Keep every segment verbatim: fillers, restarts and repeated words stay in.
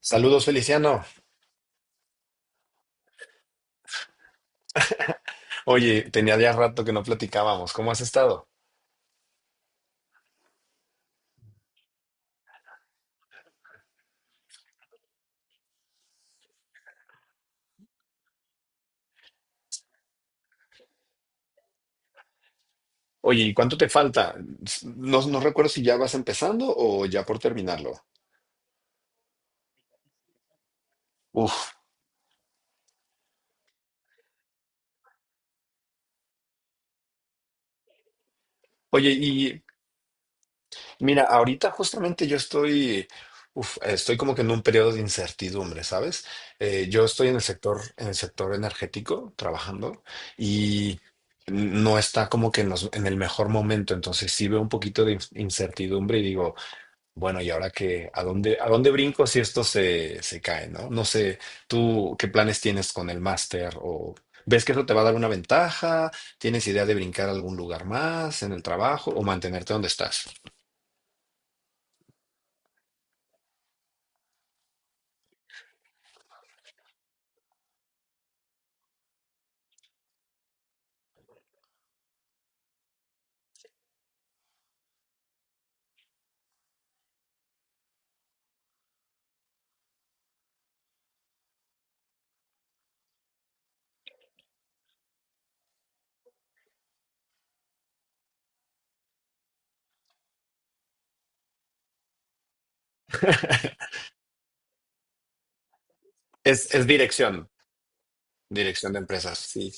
Saludos, Feliciano. Oye, tenía ya rato que no platicábamos. ¿Cómo has estado? Oye, ¿y cuánto te falta? No, no recuerdo si ya vas empezando o ya por terminarlo. Uf. Oye, y mira, ahorita justamente yo estoy, uf, estoy como que en un periodo de incertidumbre, ¿sabes? Eh, yo estoy en el sector, en el sector energético trabajando y no está como que en, los- en el mejor momento. Entonces sí veo un poquito de incertidumbre y digo, bueno, y ahora que, ¿a dónde, a dónde brinco si esto se, se cae, no? No sé, tú qué planes tienes con el máster o ves que eso te va a dar una ventaja, tienes idea de brincar a algún lugar más en el trabajo o mantenerte donde estás. Es, es dirección, dirección de empresas, sí.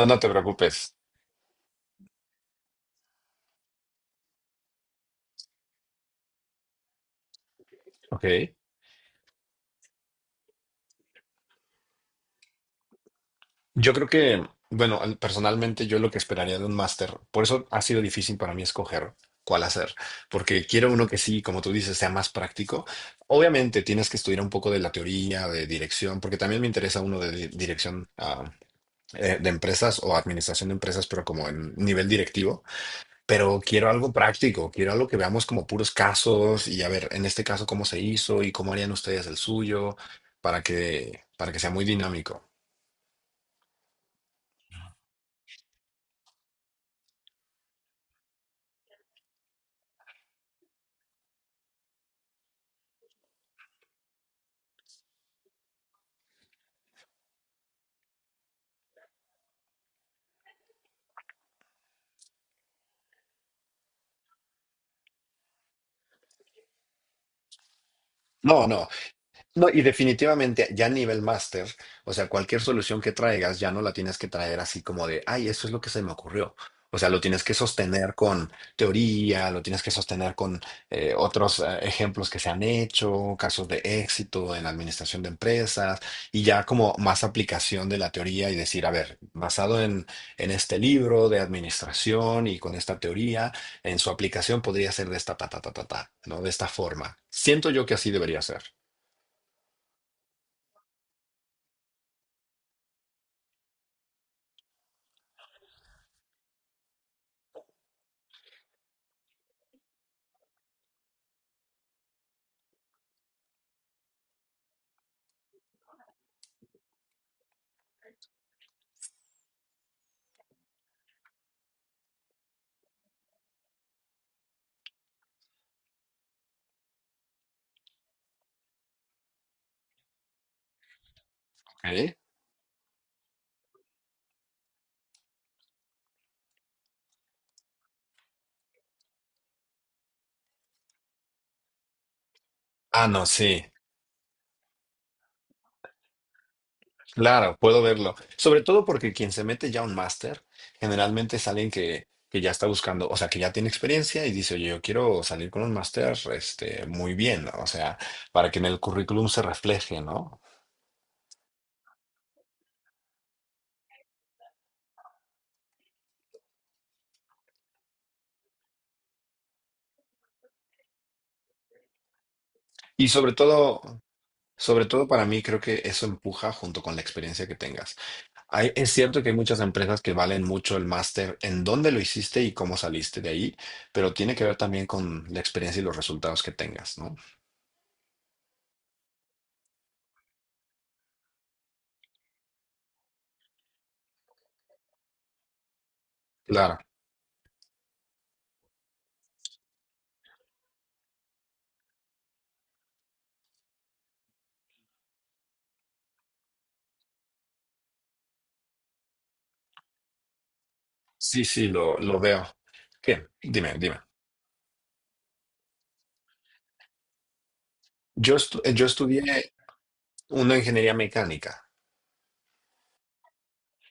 No, no te preocupes. Ok. Yo creo que, bueno, al- personalmente yo lo que esperaría de un máster, por eso ha sido difícil para mí escoger cuál hacer, porque quiero uno que sí, como tú dices, sea más práctico. Obviamente tienes que estudiar un poco de la teoría, de dirección, porque también me interesa uno de di- dirección ah, eh, de empresas o administración de empresas, pero como en nivel directivo. Pero quiero algo práctico, quiero algo que veamos como puros casos y a ver, en este caso, cómo se hizo y cómo harían ustedes el suyo para que, para que sea muy dinámico. No, no. No, y definitivamente ya a nivel máster, o sea, cualquier solución que traigas ya no la tienes que traer así como de, ay, eso es lo que se me ocurrió. O sea, lo tienes que sostener con teoría, lo tienes que sostener con eh, otros eh, ejemplos que se han hecho, casos de éxito en la administración de empresas, y ya como más aplicación de la teoría y decir, a ver, basado en, en este libro de administración y con esta teoría, en su aplicación podría ser de esta, ta, ta, ta, ta, ta, ¿no? De esta forma. Siento yo que así debería ser. ¿Ok? Ah, no, sí, claro, puedo verlo. Sobre todo porque quien se mete ya a un máster generalmente es alguien que, que ya está buscando, o sea, que ya tiene experiencia y dice, oye, yo quiero salir con un máster, este, muy bien, ¿no? O sea, para que en el currículum se refleje, ¿no? Y sobre todo, sobre todo para mí creo que eso empuja junto con la experiencia que tengas. Hay- es cierto que hay muchas empresas que valen mucho el máster en dónde lo hiciste y cómo saliste de ahí, pero tiene que ver también con la experiencia y los resultados que tengas, ¿no? Claro. Sí, sí, lo, lo veo. Bien, dime, dime. Yo, estu- eh, yo estudié una ingeniería mecánica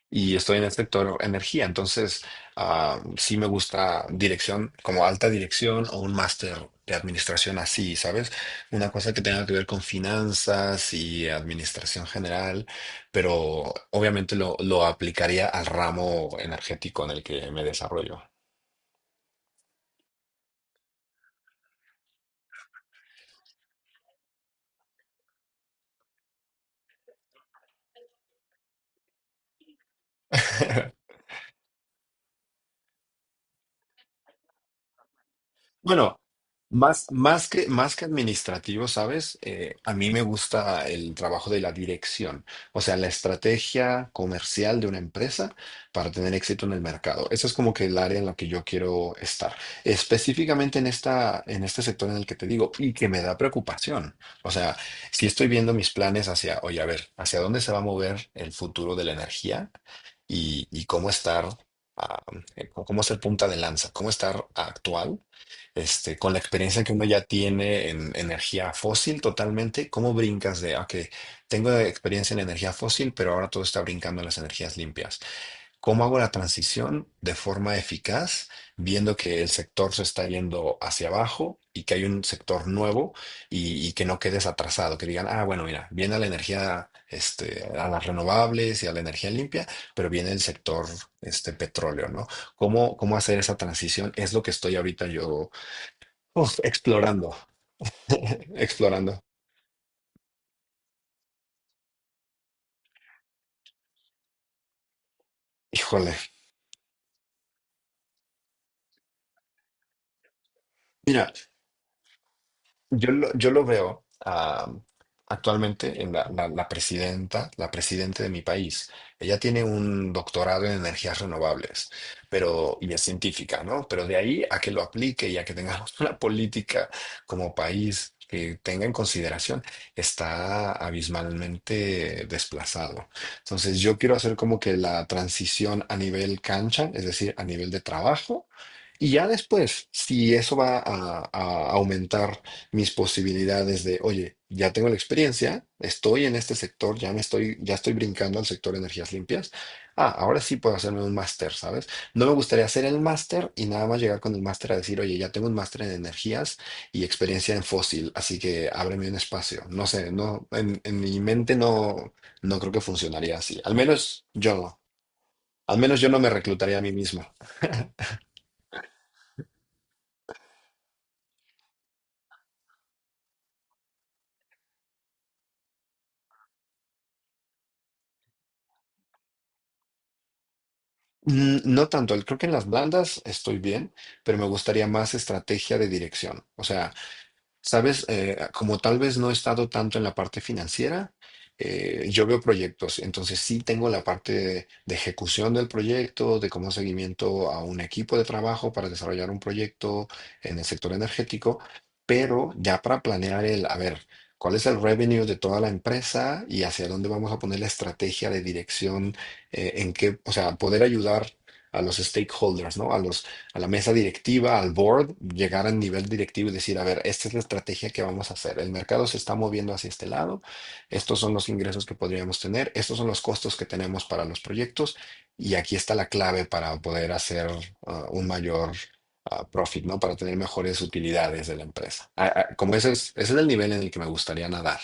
y estoy en el sector energía, entonces ah, sí me gusta dirección, como alta dirección o un máster de administración así, ¿sabes? Una cosa que tenga que ver con finanzas y administración general, pero obviamente lo, lo aplicaría al ramo energético en el que me desarrollo. Bueno, más, más que, más que administrativo, ¿sabes? Eh, a mí me gusta el trabajo de la dirección, o sea, la estrategia comercial de una empresa para tener éxito en el mercado. Eso es como que el área en la que yo quiero estar, específicamente en esta, en este sector en el que te digo y que me da preocupación. O sea, si estoy viendo mis planes hacia, oye, a ver, hacia dónde se va a mover el futuro de la energía y, y cómo estar, ah, eh, cómo ser punta de lanza, cómo estar actual este, con la experiencia que uno ya tiene en energía fósil totalmente, ¿cómo brincas de, ok, tengo experiencia en energía fósil, pero ahora todo está brincando en las energías limpias? ¿Cómo hago la transición de forma eficaz, viendo que el sector se está yendo hacia abajo y que hay un sector nuevo y, y que no quedes atrasado? Que digan, ah, bueno, mira, viene la energía, este, a las renovables y a la energía limpia, pero viene el sector, este, petróleo, ¿no? ¿Cómo, cómo hacer esa transición? Es lo que estoy ahorita yo uf, explorando, explorando. Híjole, mira, yo lo, yo lo veo ah, actualmente en la, la- la presidenta, la presidenta de mi país. Ella tiene un doctorado en energías renovables, pero y es científica, ¿no? Pero de ahí a que lo aplique y a que tengamos una política como país que tenga en consideración, está abismalmente desplazado. Entonces, yo quiero hacer como que la transición a nivel cancha, es decir, a nivel de trabajo. Y ya después, si eso va a a aumentar mis posibilidades de, oye, ya tengo la experiencia, estoy en este sector, ya me estoy, ya estoy brincando al sector de energías limpias. Ah, ahora sí puedo hacerme un máster, ¿sabes? No me gustaría hacer el máster y nada más llegar con el máster a decir, oye, ya tengo un máster en energías y experiencia en fósil, así que ábreme un espacio. No sé, no, en, en mi mente no, no creo que funcionaría así. Al menos yo no. Al menos yo no me reclutaría a mí mismo. Mm, no tanto, el- creo que en las blandas estoy bien, pero me gustaría más estrategia de dirección. O sea, sabes, Eh, como tal vez no he estado tanto en la parte financiera, eh, yo veo proyectos, entonces sí tengo la parte de, de ejecución del proyecto, de cómo seguimiento a un equipo de trabajo para desarrollar un proyecto en el sector energético, pero ya para planear el, a ver, cuál es el revenue de toda la empresa y hacia dónde vamos a poner la estrategia de dirección, eh, en qué, o sea, poder ayudar a los stakeholders, ¿no? A los a la mesa directiva, al board, llegar al nivel directivo y decir, a ver, esta es la estrategia que vamos a hacer. El mercado se está moviendo hacia este lado, estos son los ingresos que podríamos tener, estos son los costos que tenemos para los proyectos y aquí está la clave para poder hacer ah, un mayor ah, profit, ¿no? Para tener mejores utilidades de la empresa. Ah, ah, como ese es, ese es el nivel en el que me gustaría nadar.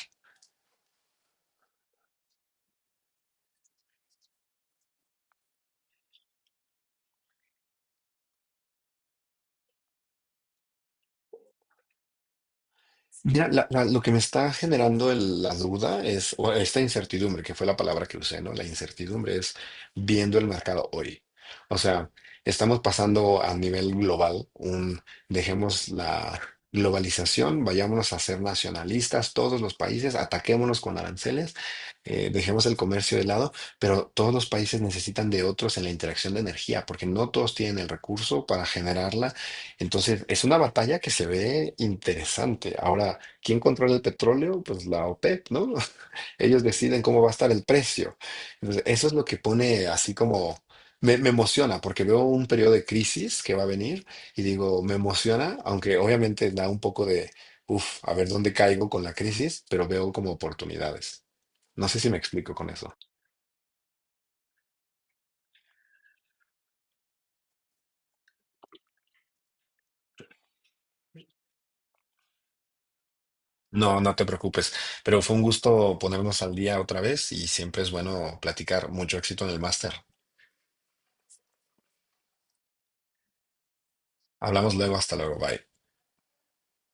Mira, la- la- lo que me está generando el- la duda es, o esta incertidumbre, que fue la palabra que usé, ¿no? La incertidumbre es viendo el mercado hoy. O sea, estamos pasando a nivel global, un, dejemos la globalización, vayámonos a ser nacionalistas, todos los países, ataquémonos con aranceles, eh, dejemos el comercio de lado, pero todos los países necesitan de otros en la interacción de energía, porque no todos tienen el recurso para generarla entonces, es una batalla que se ve interesante. Ahora, ¿quién controla el petróleo? Pues la OPEP, ¿no? Ellos deciden cómo va a estar el precio. Entonces, eso es lo que pone así como... Me, me emociona porque veo un periodo de crisis que va a venir y digo, me emociona, aunque obviamente da un poco de, uff, a ver dónde caigo con la crisis, pero veo como oportunidades. No sé si me explico con eso. No, no te preocupes, pero fue un gusto ponernos al día otra vez y siempre es bueno platicar. Mucho éxito en el máster. Hablamos luego, hasta luego, bye.